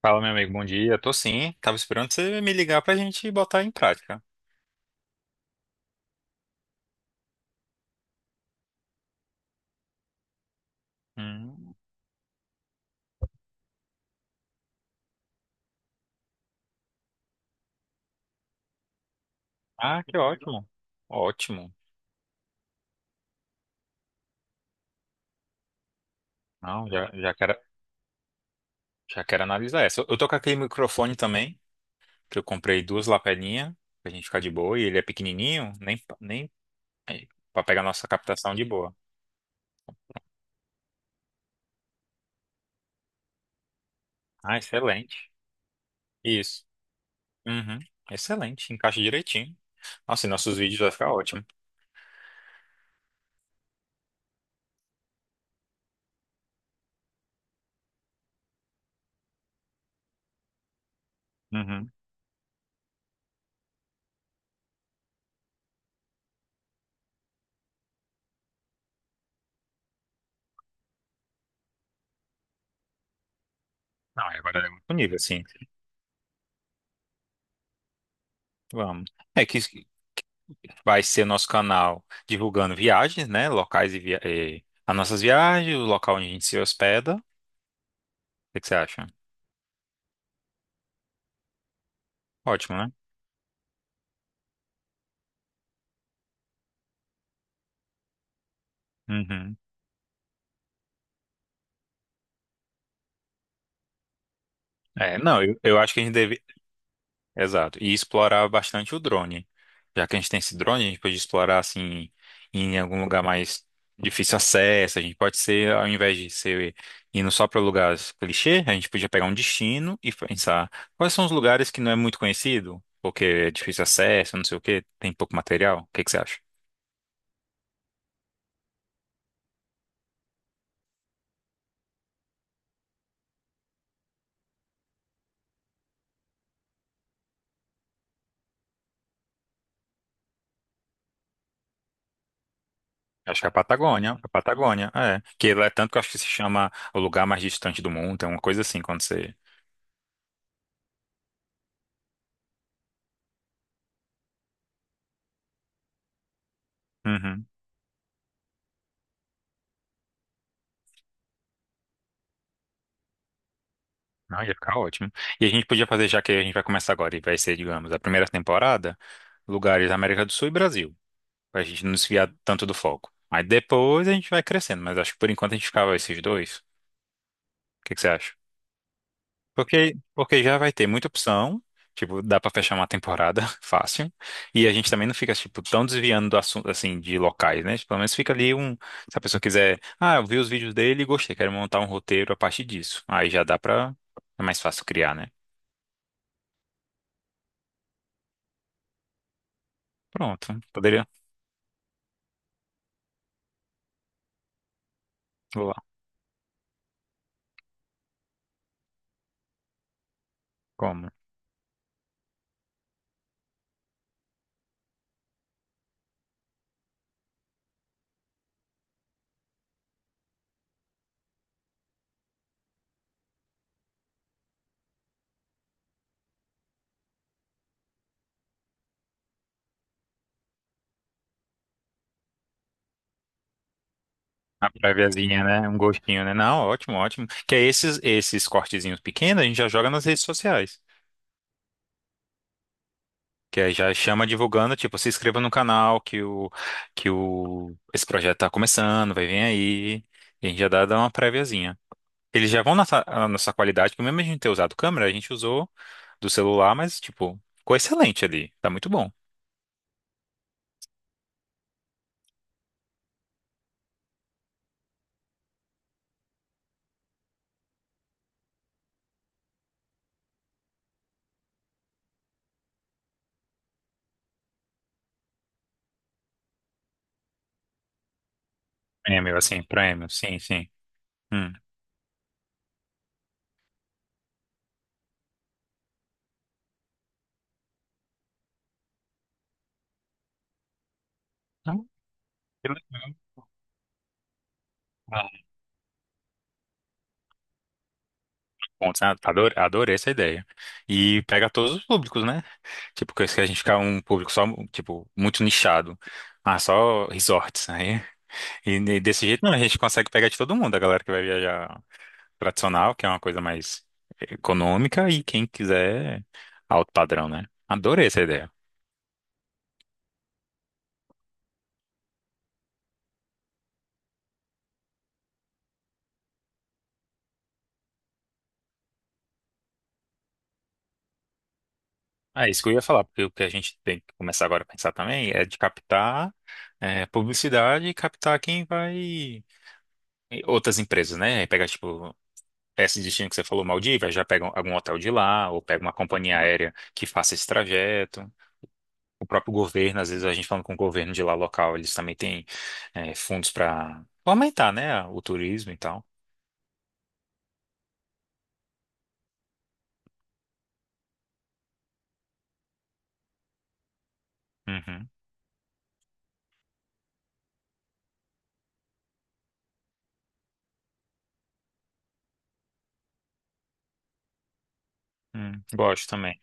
Fala, meu amigo, bom dia. Tô sim, tava esperando você me ligar pra gente botar em prática. Hum. Ah, que ótimo. Ótimo. Não, já quero analisar essa. Eu tô com aquele microfone também, que eu comprei duas lapelinhas, pra gente ficar de boa, e ele é pequenininho, nem pra pegar nossa captação de boa. Ah, excelente. Isso. Uhum. Excelente, encaixa direitinho. Nossa, e nossos vídeos vai ficar ótimo. Uhum. Não, e agora é outro nível, assim. Vamos. É que vai ser nosso canal divulgando viagens, né? Locais e, e as nossas viagens, o local onde a gente se hospeda. O que que você acha? Ótimo, né? Uhum. É, não, eu acho que a gente deve. Exato. E explorar bastante o drone. Já que a gente tem esse drone, a gente pode explorar assim em algum lugar mais difícil acesso. A gente pode ser, ao invés de ser indo só para lugares clichê, a gente podia pegar um destino e pensar quais são os lugares que não é muito conhecido, porque é difícil acesso, não sei o quê, tem pouco material. O que que você acha? Acho que é a Patagônia, é. Que lá é tanto que eu acho que se chama o lugar mais distante do mundo, é uma coisa assim, quando você... Uhum. Não, ia ficar ótimo. E a gente podia fazer, já que a gente vai começar agora, e vai ser, digamos, a primeira temporada, lugares da América do Sul e Brasil, pra gente não desviar tanto do foco. Aí depois a gente vai crescendo, mas acho que por enquanto a gente ficava esses dois. O que que você acha? Porque já vai ter muita opção, tipo, dá pra fechar uma temporada fácil, e a gente também não fica, tipo, tão desviando do assunto, assim, de locais, né? Tipo, pelo menos fica ali um, se a pessoa quiser, ah, eu vi os vídeos dele e gostei, quero montar um roteiro a partir disso. Aí já dá pra, é mais fácil criar, né? Pronto, poderia, vou lá, como? A préviazinha, né? Um gostinho, né? Não, ótimo, ótimo. Que é esses cortezinhos pequenos, a gente já joga nas redes sociais. Que aí já chama divulgando, tipo, se inscreva no canal que o esse projeto tá começando, vai vir aí. E a gente já dá uma préviazinha. Eles já vão na nossa qualidade, porque mesmo a gente ter usado câmera, a gente usou do celular, mas tipo, ficou excelente ali. Tá muito bom. Prêmio, assim, prêmio, sim, sim. Hum. Ah, que legal. Ah, bom, sabe? Adorei, adorei essa ideia. E pega todos os públicos, né? Tipo, que a gente ficar um público só, tipo, muito nichado. Ah, só resorts, né? E ne- desse jeito, não, a gente consegue pegar de todo mundo, a galera que vai viajar tradicional, que é uma coisa mais econômica, e quem quiser alto padrão, né? Adorei essa ideia. Ah, isso que eu ia falar, porque o que a gente tem que começar agora a pensar também é de captar publicidade e captar quem vai, e outras empresas, né? Pegar, tipo, esse destino que você falou, Maldivas, já pega algum hotel de lá, ou pega uma companhia aérea que faça esse trajeto. O próprio governo, às vezes a gente falando com o governo de lá local, eles também têm fundos para aumentar, né, o turismo e tal. Uhum. Gosto também.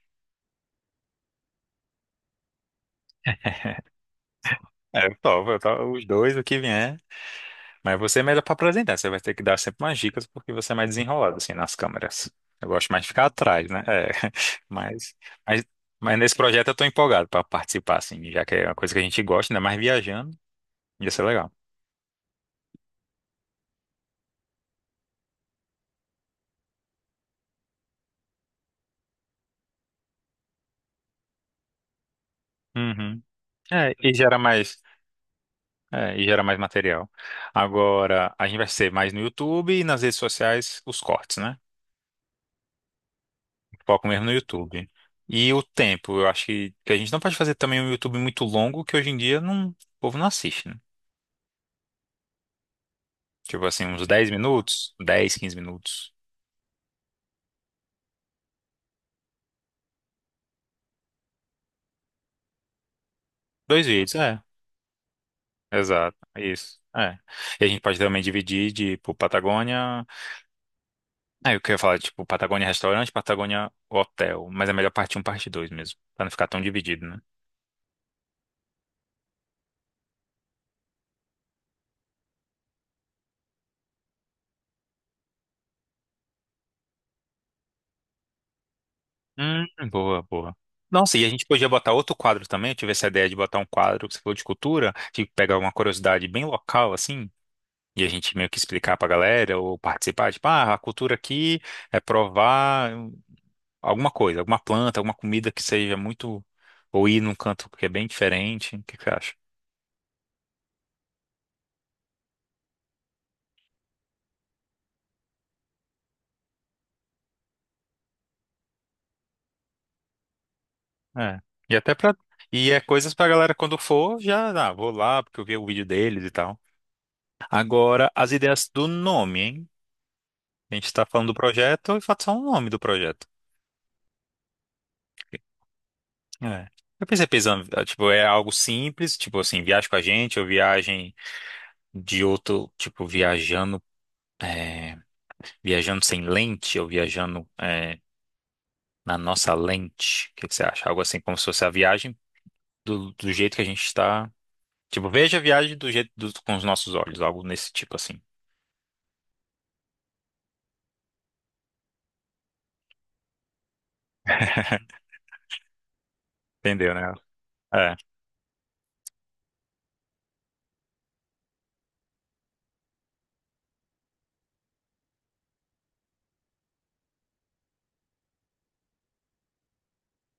É, eu, topo, eu topo os dois, o que vier. Mas você é melhor para apresentar, você vai ter que dar sempre umas dicas, porque você é mais desenrolado, assim, nas câmeras. Eu gosto mais de ficar atrás, né? É, mas, mas, mas nesse projeto eu tô empolgado para participar, assim, já que é uma coisa que a gente gosta, ainda mais viajando, ia ser legal. Uhum. É, e gera mais. É, e gera mais material. Agora, a gente vai ser mais no YouTube e nas redes sociais os cortes, né? Foco mesmo no YouTube. E o tempo, eu acho que a gente não pode fazer também um YouTube muito longo, que hoje em dia não, o povo não assiste, né? Tipo assim, uns 10 minutos, 10, 15 minutos. Dois vídeos, é. Exato, isso. É. E a gente pode também dividir de, tipo, Patagônia. Ah, eu queria falar, tipo, Patagônia restaurante, Patagônia hotel. Mas é melhor parte um parte 2 mesmo. Pra não ficar tão dividido, né? Boa, boa. Nossa, e a gente podia botar outro quadro também. Eu tive essa ideia de botar um quadro que você falou de cultura, de pegar uma curiosidade bem local, assim, e a gente meio que explicar pra galera ou participar. Tipo, ah, a cultura aqui é provar alguma coisa, alguma planta, alguma comida que seja muito. Ou ir num canto que é bem diferente. O que que você acha? É. E até pra. E é coisas pra galera quando for, já, ah, vou lá, porque eu vi o vídeo deles e tal. Agora, as ideias do nome, hein? A gente tá falando do projeto e falta só o nome do projeto. É. Eu pensei pensando, ah, tipo, é algo simples, tipo assim, viagem com a gente, ou viagem de outro, tipo, viajando, é, viajando sem lente, ou viajando, na nossa lente. O que que você acha? Algo assim, como se fosse a viagem do jeito que a gente está. Tipo, veja a viagem do jeito com os nossos olhos, algo nesse tipo assim. Entendeu, né? É.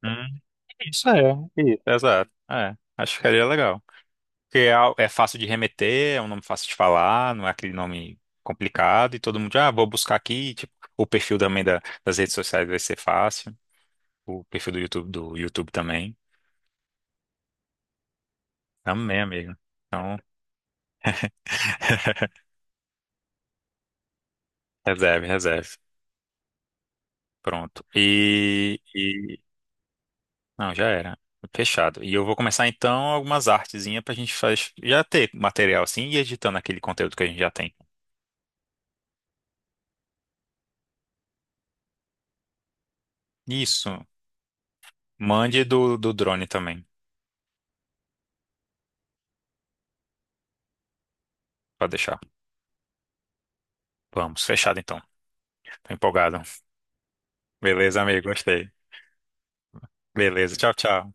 Hum, isso é, isso, exato. É, acho que ficaria legal. Porque é fácil de remeter, é um nome fácil de falar, não é aquele nome complicado e todo mundo, ah, vou buscar aqui, tipo, o perfil também das redes sociais vai ser fácil, o perfil do YouTube também. Amém, amigo. Então, reserve, reserve. Pronto. Não, já era. Fechado. E eu vou começar então algumas artezinhas pra gente já ter material assim e editando aquele conteúdo que a gente já tem. Isso. Mande do drone também, pra deixar. Vamos, fechado então. Tô empolgado. Beleza, amigo, gostei. Beleza, tchau, tchau.